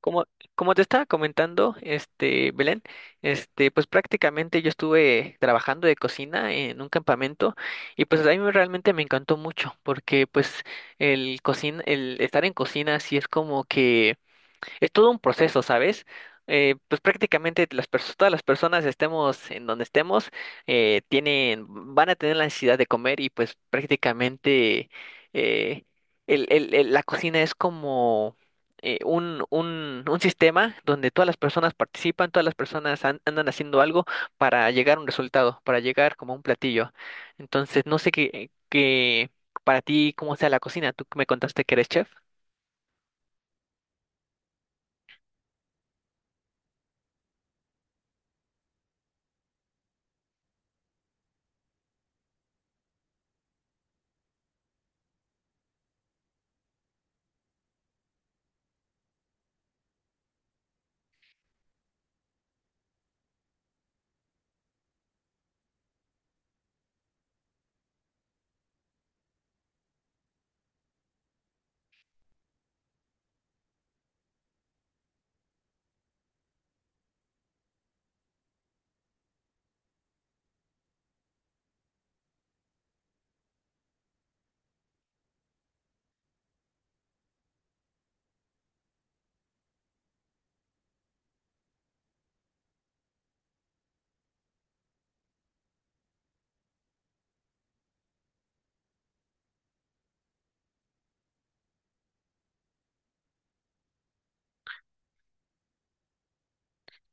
Como, como te estaba comentando, Belén, pues prácticamente yo estuve trabajando de cocina en un campamento y pues a mí realmente me encantó mucho porque pues el cocina, el estar en cocina sí es como que es todo un proceso, ¿sabes? Pues prácticamente las todas las personas estemos en donde estemos, tienen, van a tener la necesidad de comer y pues prácticamente eh, la cocina es como un sistema donde todas las personas participan, todas las personas andan haciendo algo para llegar a un resultado, para llegar como a un platillo. Entonces, no sé qué para ti, cómo sea la cocina. Tú me contaste que eres chef.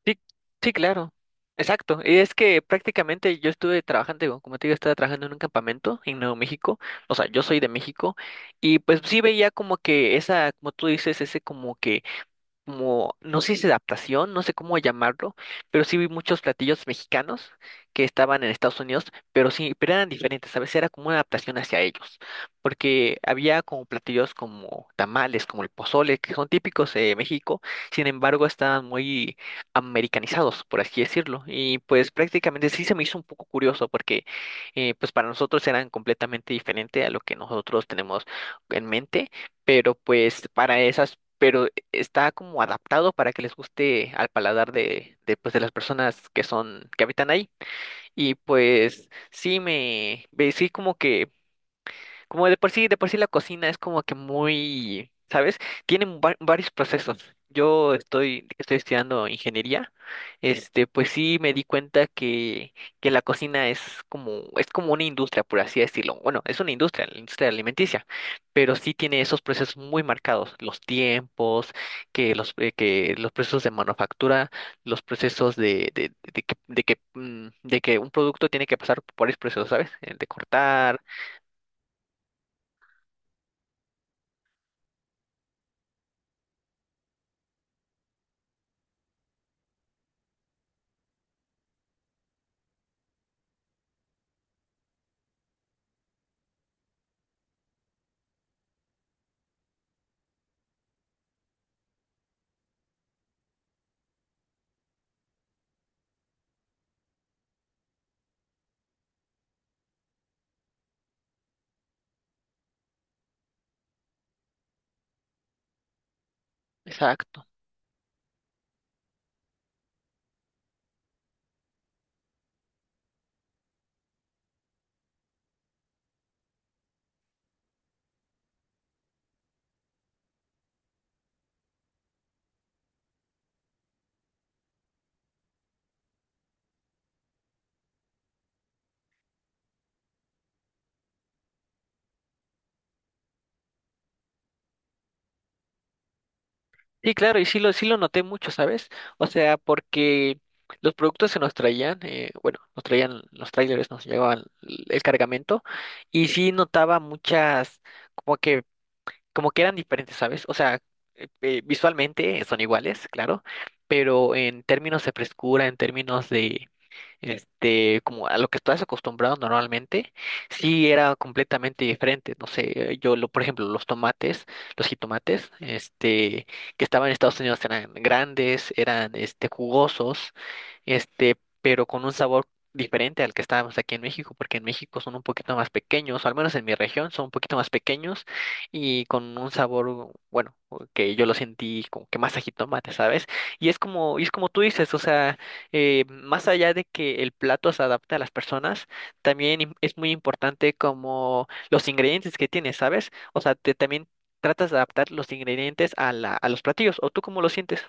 Sí, sí, claro. Exacto. Y es que prácticamente yo estuve trabajando, como te digo, estaba trabajando en un campamento en Nuevo México. O sea, yo soy de México. Y pues sí veía como que esa, como tú dices, ese como que como, no sé si adaptación, no sé cómo llamarlo, pero sí vi muchos platillos mexicanos que estaban en Estados Unidos, pero sí, pero eran diferentes, a veces era como una adaptación hacia ellos, porque había como platillos como tamales, como el pozole, que son típicos de México, sin embargo estaban muy americanizados, por así decirlo, y pues prácticamente sí se me hizo un poco curioso, porque pues para nosotros eran completamente diferente a lo que nosotros tenemos en mente, pero pues para esas... Pero está como adaptado para que les guste al paladar pues, de las personas que son, que habitan ahí. Y pues sí me, sí como que como de por sí la cocina es como que muy, ¿sabes? Tienen varios procesos. Yo estoy estudiando ingeniería. Este, pues sí me di cuenta que la cocina es como una industria, por así decirlo. Bueno, es una industria, la industria alimenticia, pero sí tiene esos procesos muy marcados, los tiempos, que que los procesos de manufactura, los procesos de de que un producto tiene que pasar por varios procesos, ¿sabes? El de cortar. Exacto. Sí, claro, sí lo noté mucho, ¿sabes? O sea, porque los productos se nos traían, bueno, nos traían los trailers, nos llevaban el cargamento, y sí notaba muchas, como que, como que eran diferentes, ¿sabes? O sea, visualmente son iguales, claro, pero en términos de frescura, en términos de como a lo que estás acostumbrado normalmente, sí era completamente diferente. No sé, yo, lo, por ejemplo, los tomates, los jitomates, que estaban en Estados Unidos eran grandes, jugosos, pero con un sabor diferente al que estábamos aquí en México, porque en México son un poquito más pequeños, o al menos en mi región son un poquito más pequeños y con un sabor, bueno, que yo lo sentí como que más a jitomate, ¿sabes? Y es como tú dices, o sea, más allá de que el plato se adapte a las personas, también es muy importante como los ingredientes que tienes, ¿sabes? O sea, te, también tratas de adaptar los ingredientes a la, a los platillos, ¿o tú cómo lo sientes?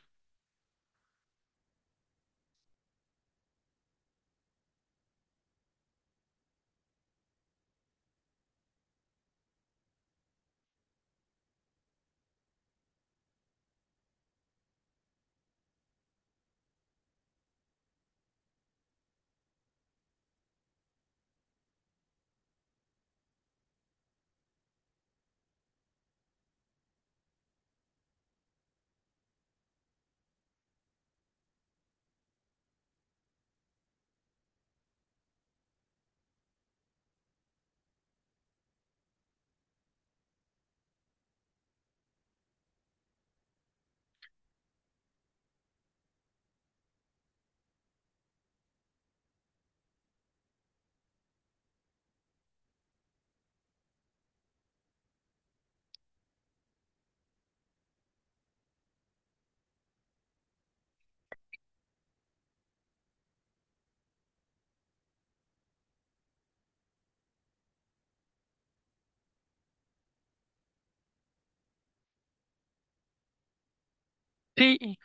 Sí, y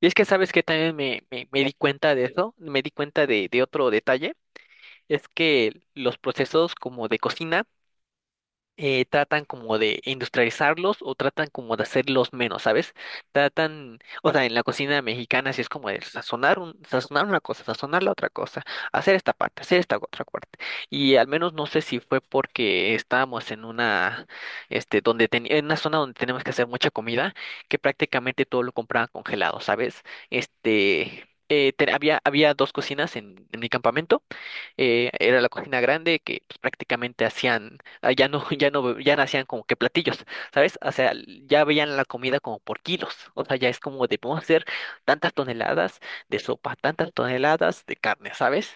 y es que sabes que también me di cuenta de eso, me di cuenta de otro detalle, es que los procesos como de cocina, tratan como de industrializarlos o tratan como de hacerlos menos, ¿sabes? Tratan, o sea, en la cocina mexicana sí es como de sazonar, sazonar una cosa, sazonar la otra cosa, hacer esta parte, hacer esta otra parte. Y al menos no sé si fue porque estábamos en una, donde tenía, en una zona donde tenemos que hacer mucha comida, que prácticamente todo lo compraban congelado, ¿sabes? Este... había, había dos cocinas en mi campamento era la cocina grande que pues, prácticamente hacían, ah, ya no, ya no, ya no hacían como que platillos, ¿sabes? O sea, ya veían la comida como por kilos, o sea, ya es como de, podemos hacer tantas toneladas de sopa, tantas toneladas de carne, ¿sabes?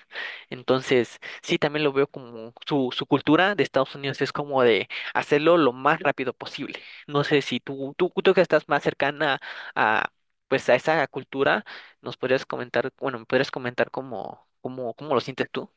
Entonces, sí, también lo veo como su cultura de Estados Unidos es como de hacerlo lo más rápido posible. No sé si tú que estás más cercana a, pues a esa cultura, nos podrías comentar, bueno, me podrías comentar cómo lo sientes tú.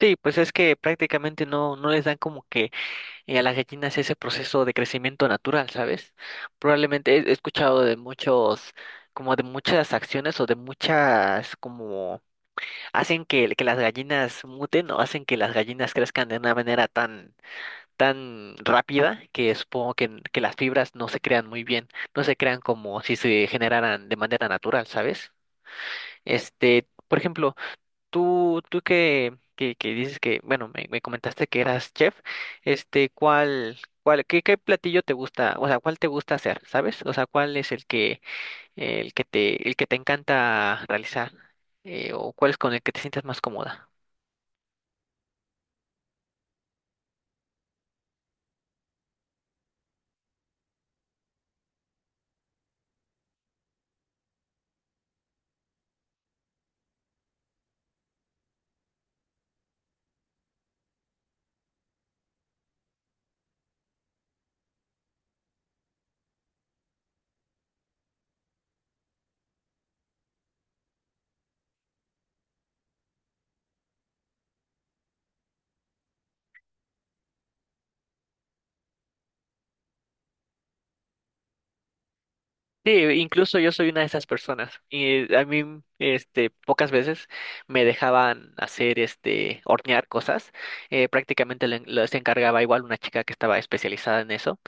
Sí, pues es que prácticamente no, no les dan como que a las gallinas ese proceso de crecimiento natural, ¿sabes? Probablemente he escuchado de muchos, como de muchas acciones o de muchas, como hacen que las gallinas muten o hacen que las gallinas crezcan de una manera tan, tan rápida que supongo que las fibras no se crean muy bien, no se crean como si se generaran de manera natural, ¿sabes? Este, por ejemplo, Tú que dices que, bueno, me comentaste que eras chef, este, qué, qué platillo te gusta, o sea, cuál te gusta hacer, ¿sabes? O sea, ¿cuál es el que te encanta realizar, o cuál es con el que te sientes más cómoda? Sí, incluso yo soy una de esas personas y a mí, pocas veces me dejaban hacer, este, hornear cosas. Prácticamente se encargaba igual una chica que estaba especializada en eso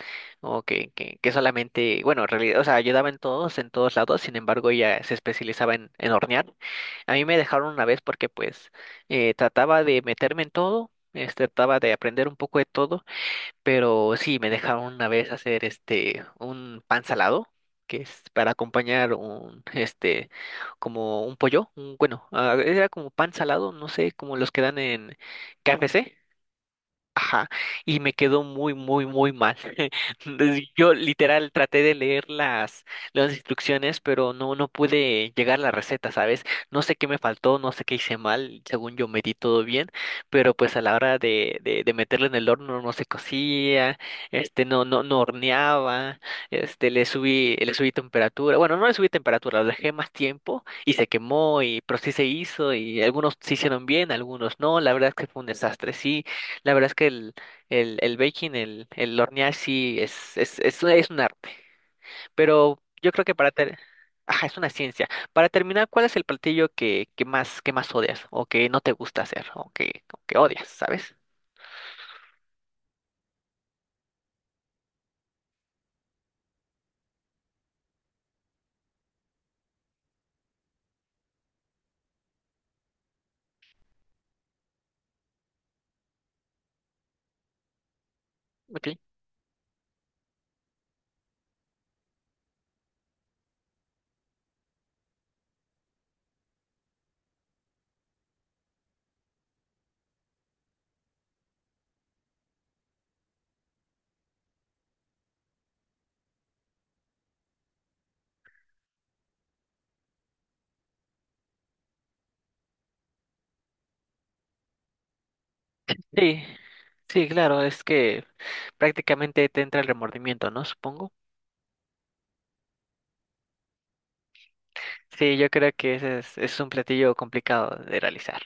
o que solamente, bueno, en realidad, o sea, ayudaba en todos lados. Sin embargo, ella se especializaba en hornear. A mí me dejaron una vez porque, pues, trataba de meterme en todo. Este, trataba de aprender un poco de todo pero sí, me dejaron una vez hacer este un pan salado, que es para acompañar un este como un pollo, bueno, ah, era como pan salado, no sé, como los que dan en KFC, ajá, y me quedó muy mal. Entonces, yo literal traté de leer las instrucciones, pero no, no pude llegar a la receta, ¿sabes? No sé qué me faltó, no sé qué hice mal, según yo medí todo bien, pero pues a la hora de meterlo en el horno no se cocía, no horneaba, este, le subí temperatura, bueno, no le subí temperatura, lo dejé más tiempo y se quemó, y, pero sí se hizo, y algunos se hicieron bien, algunos no, la verdad es que fue un desastre, sí. La verdad es que el baking, el hornear sí es un arte. Pero yo creo que para ter... Ajá, es una ciencia. Para terminar, ¿cuál es el platillo que más odias o que no te gusta hacer o que odias, ¿sabes? Ok. Sí, sí, claro, es que prácticamente te entra el remordimiento, ¿no? Supongo. Sí, yo creo que ese es un platillo complicado de realizar.